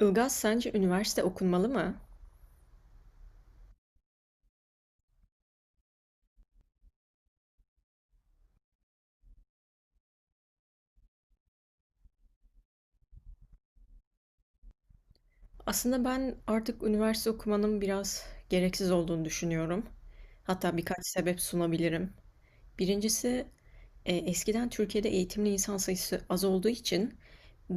Ilgaz, sence üniversite okunmalı mı? Aslında ben artık üniversite okumanın biraz gereksiz olduğunu düşünüyorum. Hatta birkaç sebep sunabilirim. Birincisi, eskiden Türkiye'de eğitimli insan sayısı az olduğu için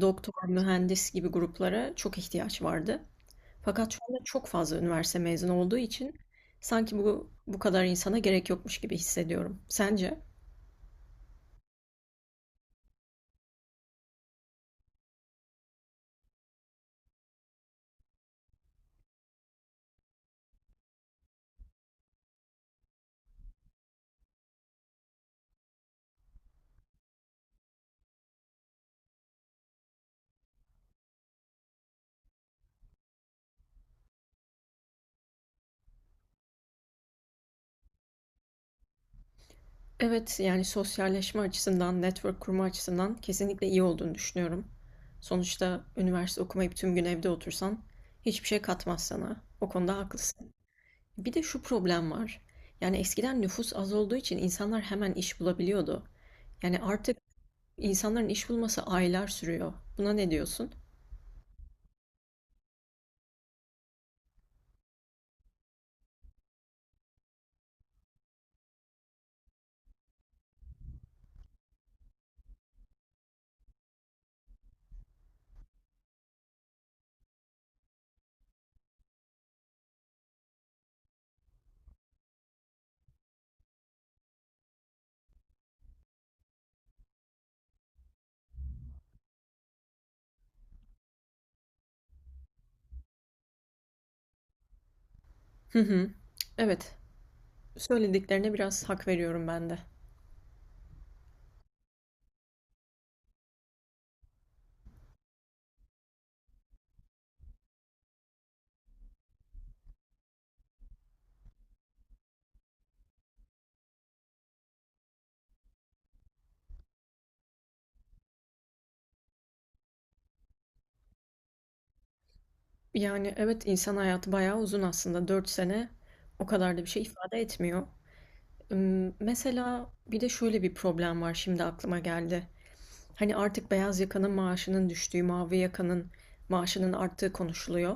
doktor, mühendis gibi gruplara çok ihtiyaç vardı. Fakat şu anda çok fazla üniversite mezunu olduğu için sanki bu kadar insana gerek yokmuş gibi hissediyorum. Sence? Evet, yani sosyalleşme açısından, network kurma açısından kesinlikle iyi olduğunu düşünüyorum. Sonuçta üniversite okumayıp tüm gün evde otursan hiçbir şey katmaz sana. O konuda haklısın. Bir de şu problem var. Yani eskiden nüfus az olduğu için insanlar hemen iş bulabiliyordu. Yani artık insanların iş bulması aylar sürüyor. Buna ne diyorsun? Hı hı. Evet, söylediklerine biraz hak veriyorum ben de. Yani evet insan hayatı bayağı uzun aslında. 4 sene o kadar da bir şey ifade etmiyor. Mesela bir de şöyle bir problem var şimdi aklıma geldi. Hani artık beyaz yakanın maaşının düştüğü, mavi yakanın maaşının arttığı konuşuluyor.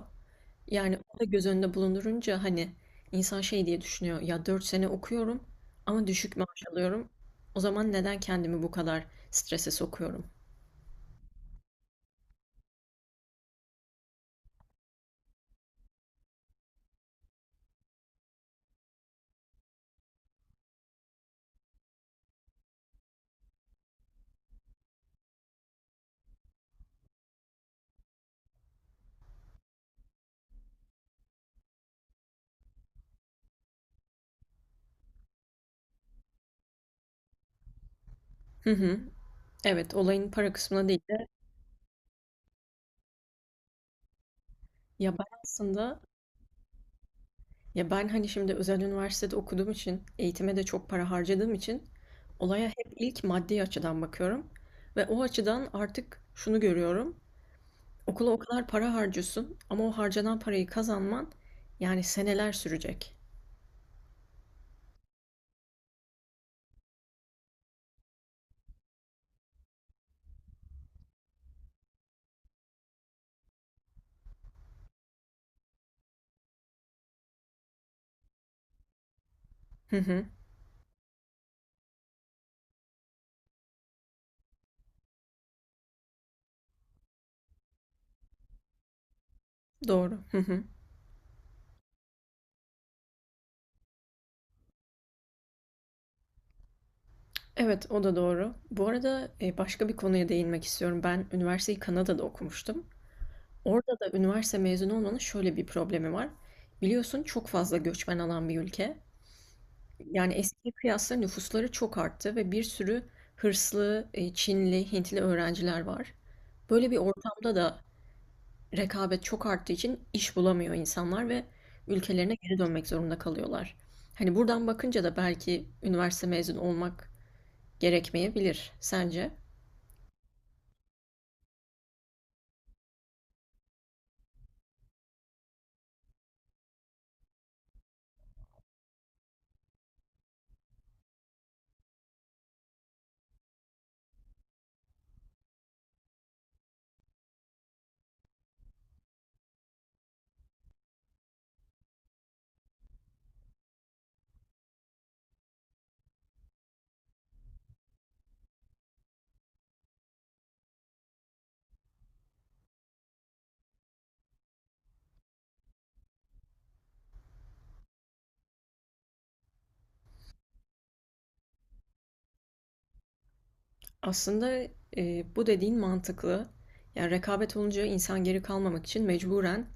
Yani o da göz önünde bulundurunca hani insan şey diye düşünüyor. Ya 4 sene okuyorum ama düşük maaş alıyorum. O zaman neden kendimi bu kadar strese sokuyorum? Hı hı. Evet, olayın para kısmına değil de ya ben aslında ya ben hani şimdi özel üniversitede okuduğum için eğitime de çok para harcadığım için olaya hep ilk maddi açıdan bakıyorum ve o açıdan artık şunu görüyorum. Okula o kadar para harcıyorsun ama o harcanan parayı kazanman yani seneler sürecek. Hı hı, doğru. Hı hı. Evet, o da doğru. Bu arada başka bir konuya değinmek istiyorum. Ben üniversiteyi Kanada'da okumuştum. Orada da üniversite mezunu olmanın şöyle bir problemi var. Biliyorsun çok fazla göçmen alan bir ülke. Yani eskiye kıyasla nüfusları çok arttı ve bir sürü hırslı, Çinli, Hintli öğrenciler var. Böyle bir ortamda da rekabet çok arttığı için iş bulamıyor insanlar ve ülkelerine geri dönmek zorunda kalıyorlar. Hani buradan bakınca da belki üniversite mezunu olmak gerekmeyebilir sence? Aslında, bu dediğin mantıklı. Yani rekabet olunca insan geri kalmamak için mecburen,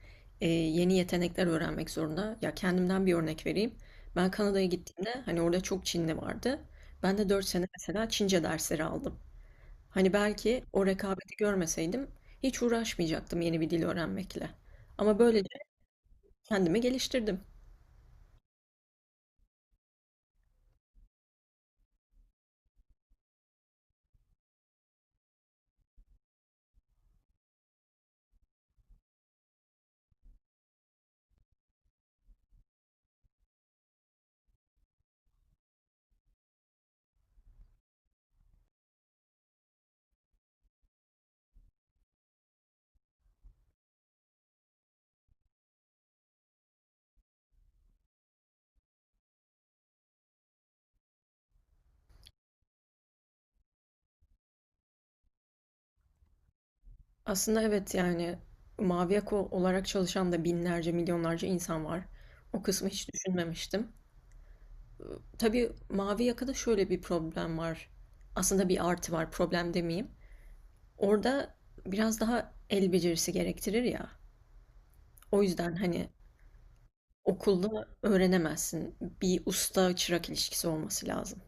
yeni yetenekler öğrenmek zorunda. Ya, kendimden bir örnek vereyim. Ben Kanada'ya gittiğimde, hani, orada çok Çinli vardı. Ben de 4 sene mesela Çince dersleri aldım. Hani, belki o rekabeti görmeseydim hiç uğraşmayacaktım yeni bir dil öğrenmekle ama böylece kendimi geliştirdim. Aslında evet, yani, mavi yaka olarak çalışan da binlerce, milyonlarca insan var. O kısmı hiç düşünmemiştim. Tabii mavi yakada şöyle bir problem var. Aslında bir artı var, problem demeyeyim. Orada biraz daha el becerisi gerektirir ya. O yüzden hani okulda öğrenemezsin. Bir usta çırak ilişkisi olması lazım.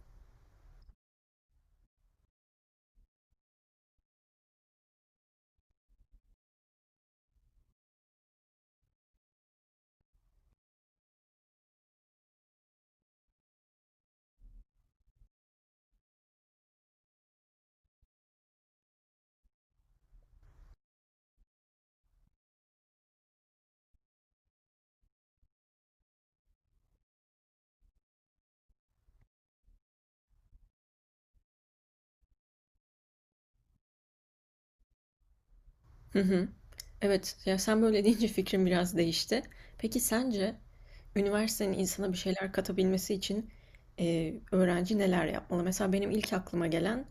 Hı hı. Evet, ya sen böyle deyince fikrim biraz değişti. Peki sence üniversitenin insana bir şeyler katabilmesi için öğrenci neler yapmalı? Mesela benim ilk aklıma gelen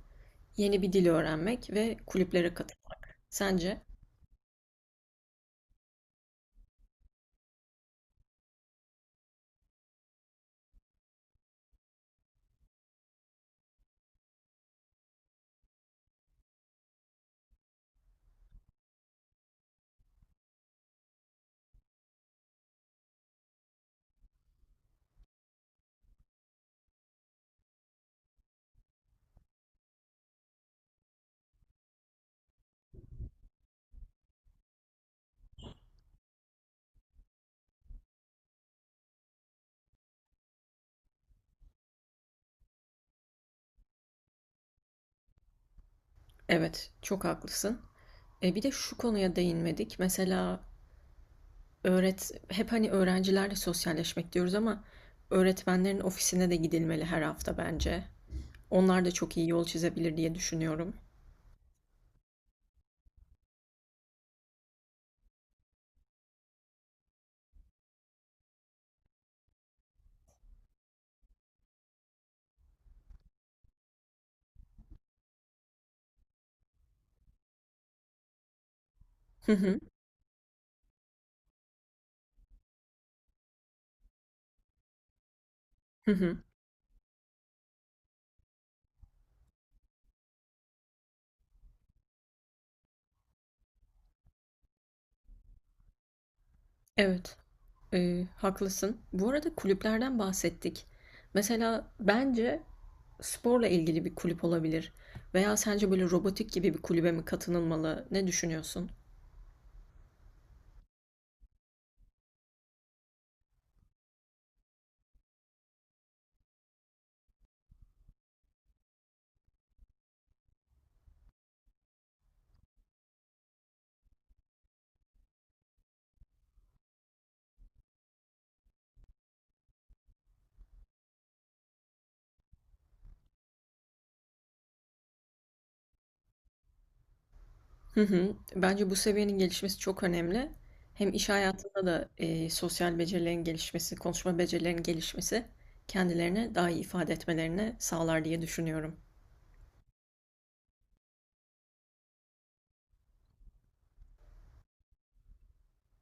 yeni bir dil öğrenmek ve kulüplere katılmak. Sence? Evet, çok haklısın. Bir de şu konuya değinmedik. Mesela hep hani öğrencilerle sosyalleşmek diyoruz ama öğretmenlerin ofisine de gidilmeli her hafta bence. Onlar da çok iyi yol çizebilir diye düşünüyorum. Hı hı, hı hı. Evet, haklısın. Bu arada kulüplerden bahsettik. Mesela bence sporla ilgili bir kulüp olabilir. Veya sence böyle robotik gibi bir kulübe mi katılınmalı? Ne düşünüyorsun? Hı hı. Bence bu seviyenin gelişmesi çok önemli. Hem iş hayatında da sosyal becerilerin gelişmesi, konuşma becerilerinin gelişmesi kendilerini daha iyi ifade etmelerini sağlar diye düşünüyorum.